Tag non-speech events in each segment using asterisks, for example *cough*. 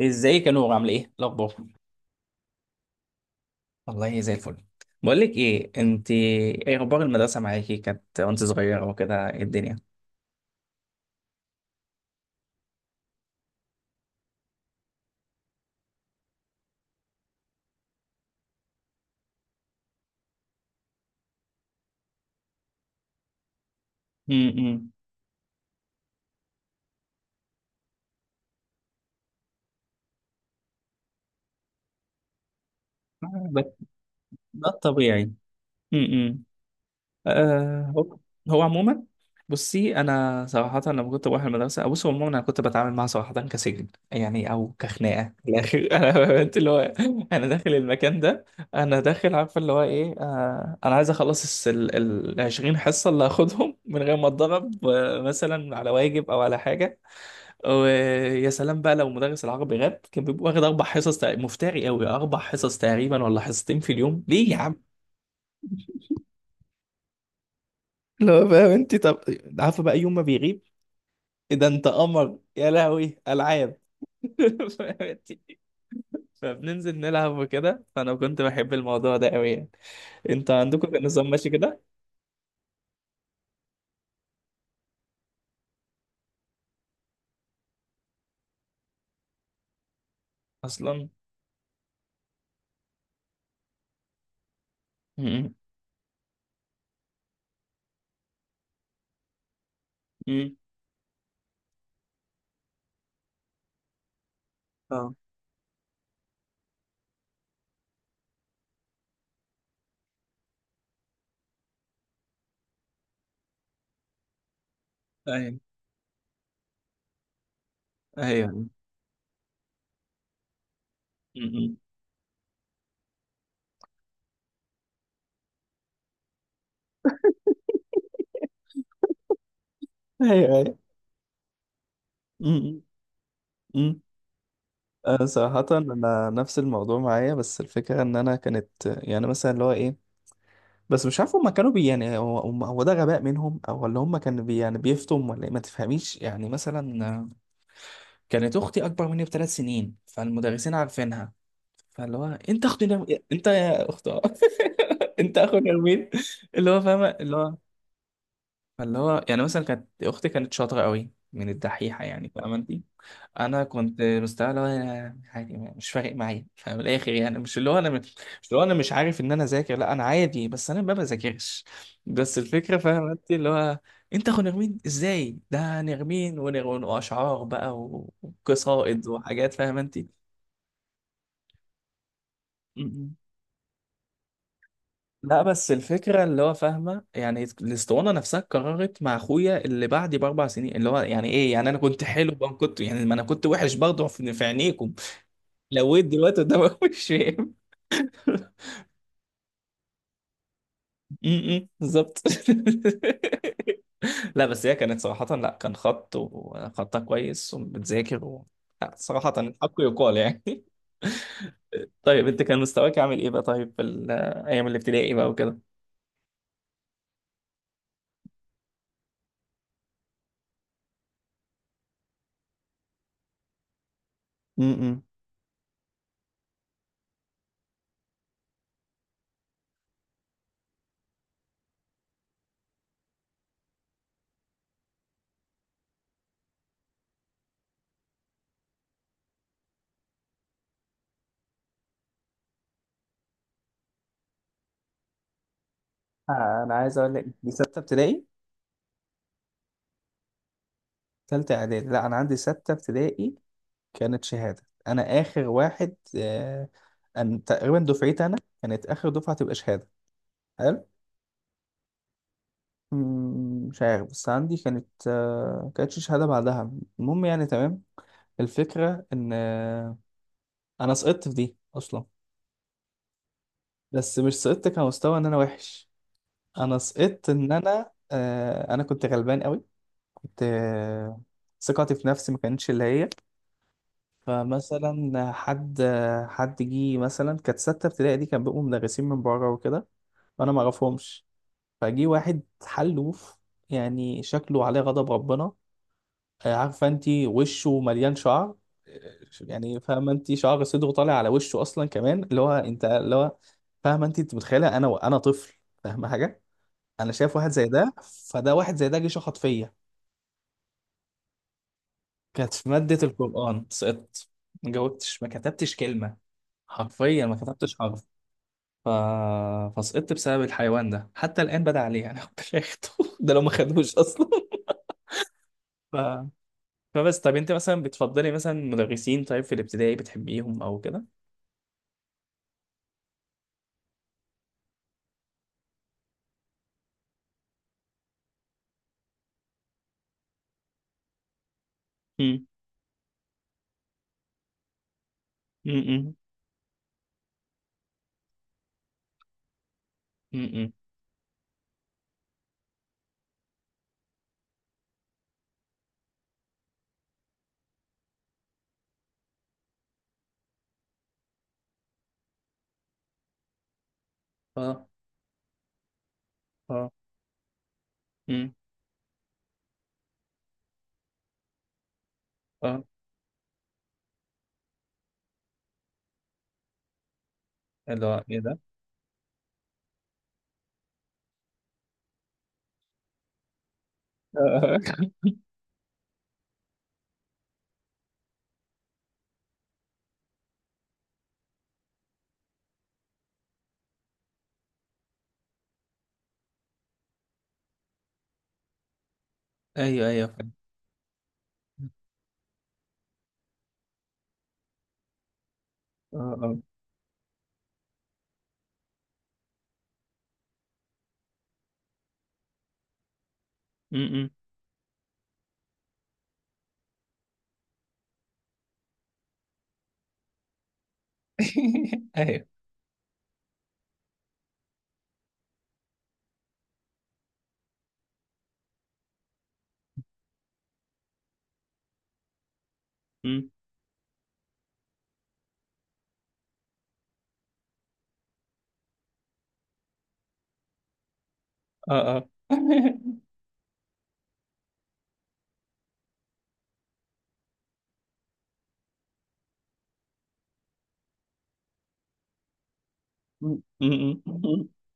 ازيك يا نور؟ عامله ايه الاخبار؟ والله زي الفل. بقول لك ايه، انت ايه اخبار المدرسه معاكي كانت وانت صغيره وكده؟ ايه الدنيه؟ امم. ده ده الطبيعي. امم. آه هو هو عموما. بصي انا صراحه لما كنت بروح المدرسه، بص، هو عموما انا كنت بتعامل معاها صراحه كسجن يعني، او كخناقه في الاخر. *laughs* انا، انت اللي هو، انا داخل المكان ده، انا داخل عارفه اللي هو ايه. انا عايز اخلص ال 20 حصه اللي هاخدهم من غير ما اتضرب، مثلا على واجب او على حاجه. ويا سلام بقى لو مدرس العربي غاب، كان بيبقى واخد اربع حصص مفتري قوي، اربع حصص تقريبا ولا حصتين في اليوم، ليه يا عم؟ لا، فاهم انت؟ طب عارفه بقى يوم ما بيغيب إيه ده؟ انت قمر يا لهوي، العاب. *laughs* فهمتي؟ فبننزل نلعب وكده، فانا كنت بحب الموضوع ده قوي يعني. انت عندكم كان النظام ماشي كده اصلا؟ امم. امم. اه. ايوه، ايوه. امم. ايوه، ايوه. امم. امم. أنا صراحة أنا نفس الموضوع معايا، بس الفكرة إن أنا كانت يعني مثلا اللي هو إيه، بس مش عارف هما كانوا بي يعني، هو ده غباء منهم أو ولا هما كانوا بي يعني بيفتم ولا إيه، ما تفهميش يعني. مثلا كانت اختي اكبر مني بثلاث سنين، فالمدرسين عارفينها. فاللي هو، انت اختي. انت يا اخت، *laughs* انت اخو نرمين. اللي هو فاهمه اللي هو. فاللي هو يعني مثلا كانت اختي كانت شاطره قوي من الدحيحه، يعني فاهمه انت. انا كنت مستوى اللي هو أنا عادي، مش فارق معايا، فمن الاخر يعني مش اللي هو انا مش عارف ان انا ذاكر، لا انا عادي بس انا ما بذاكرش، بس الفكره فاهم انت اللي هو انت اخو نرمين ازاي؟ ده نرمين واشعار بقى و- وقصائد وحاجات، فاهم انت؟ م-م. لا بس الفكره اللي هو فاهمه يعني الاسطوانه نفسها قررت مع اخويا اللي بعدي باربع سنين، اللي هو يعني ايه يعني، انا كنت حلو بقى، كنت يعني، ما انا كنت وحش برضه في عينيكم لو ويت دلوقتي قدام أخوي، مش فاهم. امم، بالظبط. *laughs* لا بس هي كانت صراحة، لا كان خط وخطها كويس وبتذاكر، و... لا صراحة الحق يقال يعني. *laughs* طيب انت كان مستواك عامل ايه بقى، طيب، في ايام الابتدائي بقى وكده؟ امم. آه انا عايز اقول لك، دي ستة ابتدائي؟ ثالثة اعدادي؟ لا انا عندي ستة ابتدائي، كانت شهادة. انا اخر واحد، أن تقريبا دفعتي انا كانت اخر دفعة تبقى شهادة. حلو. مم، مش عارف بس عندي كانت، كانتش شهادة بعدها. المهم يعني، تمام. الفكرة إن أنا سقطت في دي أصلا، بس مش سقطت كمستوى إن أنا وحش، أنا سقطت إن أنا، أنا كنت غلبان قوي. كنت ثقتي في نفسي ما كانتش اللي هي. فمثلا حد، حد جه، مثلا كانت ستة ابتدائي دي كان بيبقوا مدرسين من بره وكده، وأنا ما أعرفهمش. فجي واحد حلوف، يعني شكله عليه غضب ربنا، عارفه انت، وشه مليان شعر، يعني فاهمه انت، شعر صدره طالع على وشه اصلا كمان، اللي هو انت اللي هو، فاهمه انت، انت متخيله انا، انا طفل فاهمه حاجه، انا شايف واحد زي ده، فده واحد زي ده جه شخط فيا. كانت في ماده القران سقطت، ما جاوبتش، ما كتبتش كلمه، حرفيا ما كتبتش حرف. ف... فسقطت بسبب الحيوان ده، حتى الان بدا عليه انا كنت اخده، *laughs* ده لو ما خدوش اصلا. ف... فبس، طب انت مثلا بتفضلي مثلا مدرسين طيب في الابتدائي بتحبيهم او كده؟ مم. امم. امم. اه، اه. امم. اه. اللي هو ايه ده؟ آه. *laughs* ايوه، ايوه، فاهم. اه، اه. امم. *laughs* ايوه. امم. اه، اه. *laughs* امم. *laughs*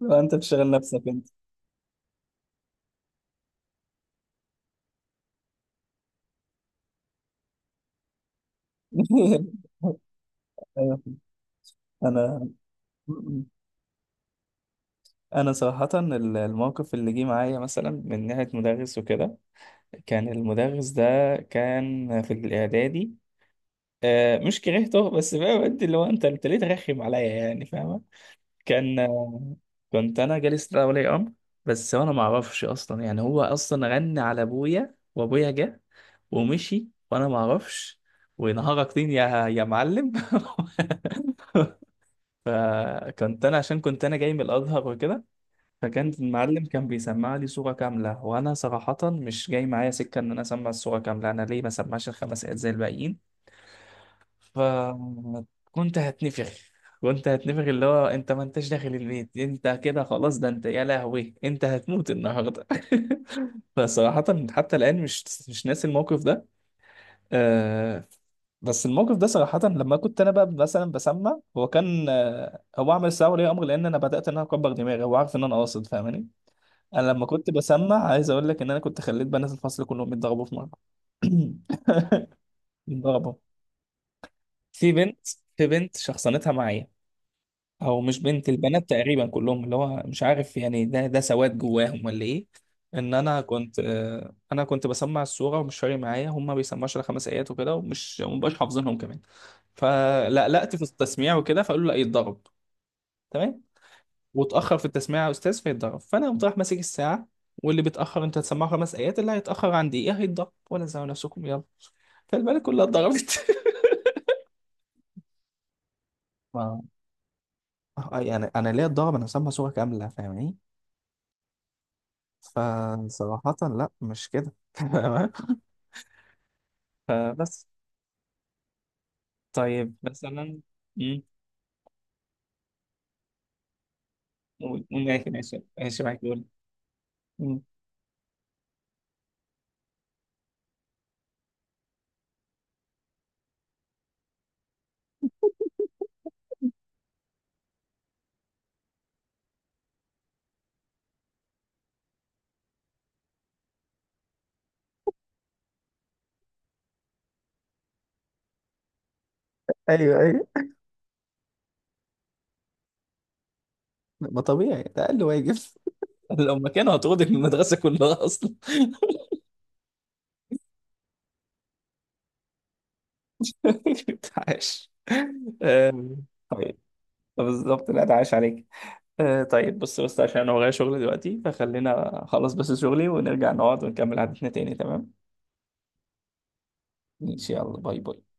لو انت بتشغل نفسك انت. *laughs* ايوه. انا انا صراحة، الموقف اللي جه معايا مثلا من ناحية مدرس وكده، كان المدرس ده كان في الاعدادي، مش كرهته بس بقى بدي اللي هو، انت انت ليه ترخم عليا يعني؟ كان، كنت انا جالس لها ولي امر، بس انا ما اعرفش اصلا يعني، هو اصلا غنى على ابويا وابويا جه ومشي وانا ما اعرفش، ونهارك طين يا معلم. *laughs* فكنت انا عشان كنت انا جاي من الازهر وكده، فكان المعلم كان بيسمع لي صوره كامله، وانا صراحه مش جاي معايا سكه ان انا اسمع الصوره كامله، انا ليه ما سمعش الخمس ايات زي الباقيين؟ فكنت هتنفخ، كنت هتنفخ اللي هو، انت ما انتش داخل البيت، انت كده خلاص، ده انت يا لهوي انت هتموت النهارده. *laughs* فصراحة حتى الآن مش ناسي الموقف ده. آه. بس الموقف ده صراحة لما كنت أنا بقى مثلا بسمع، هو كان، آه، هو عمل استدعاء ولي أمر لأن أنا بدأت إن أنا أكبر دماغي، هو عارف إن أنا قاصد، فاهماني؟ أنا لما كنت بسمع، عايز أقول لك إن أنا كنت خليت بنات الفصل كلهم يتضربوا في مرة. *laughs* *coughs* يتضربوا في بنت في بنت شخصنتها معايا، او مش بنت، البنات تقريبا كلهم، اللي هو مش عارف يعني ده ده سواد جواهم ولا ايه، ان انا كنت، انا كنت بسمع السوره ومش فارق معايا، هم ما بيسمعوش الا خمس ايات وكده، ومش ومبقاش حافظينهم كمان، فلقلقت في التسميع وكده، فقالوا لا يتضرب، تمام، واتاخر في التسميع يا استاذ فيتضرب، فانا قمت رايح ماسك الساعه، واللي بيتاخر انت هتسمعه خمس ايات، اللي هيتاخر عن دقيقه هيتضرب ولا زعلوا نفسكم، يلا. فالبنات كلها اتضربت. *laughs* ما- يعني انا ليه اتضرب، انا هسمع سوره كامله، فاهم؟ فصراحة لا مش كده. *laughs* تمام. فبس. طيب مثلا، امم، قول، قول، ماشي ماشي ماشي معاك، قول. مم. ايوه، ايوه، ما طبيعي، ده أقل واجب. *laughs* لو ما كانوا هتاخدك من المدرسة كلها أصلا. *laughs* عاش. آم، طيب. بالظبط، لا ده عاش عليك. طيب، بص بص، عشان أنا ورايا شغل دلوقتي، فخلينا أخلص بس شغلي، ونرجع نقعد ونكمل حديثنا تاني، تمام؟ إن شاء الله، باي باي.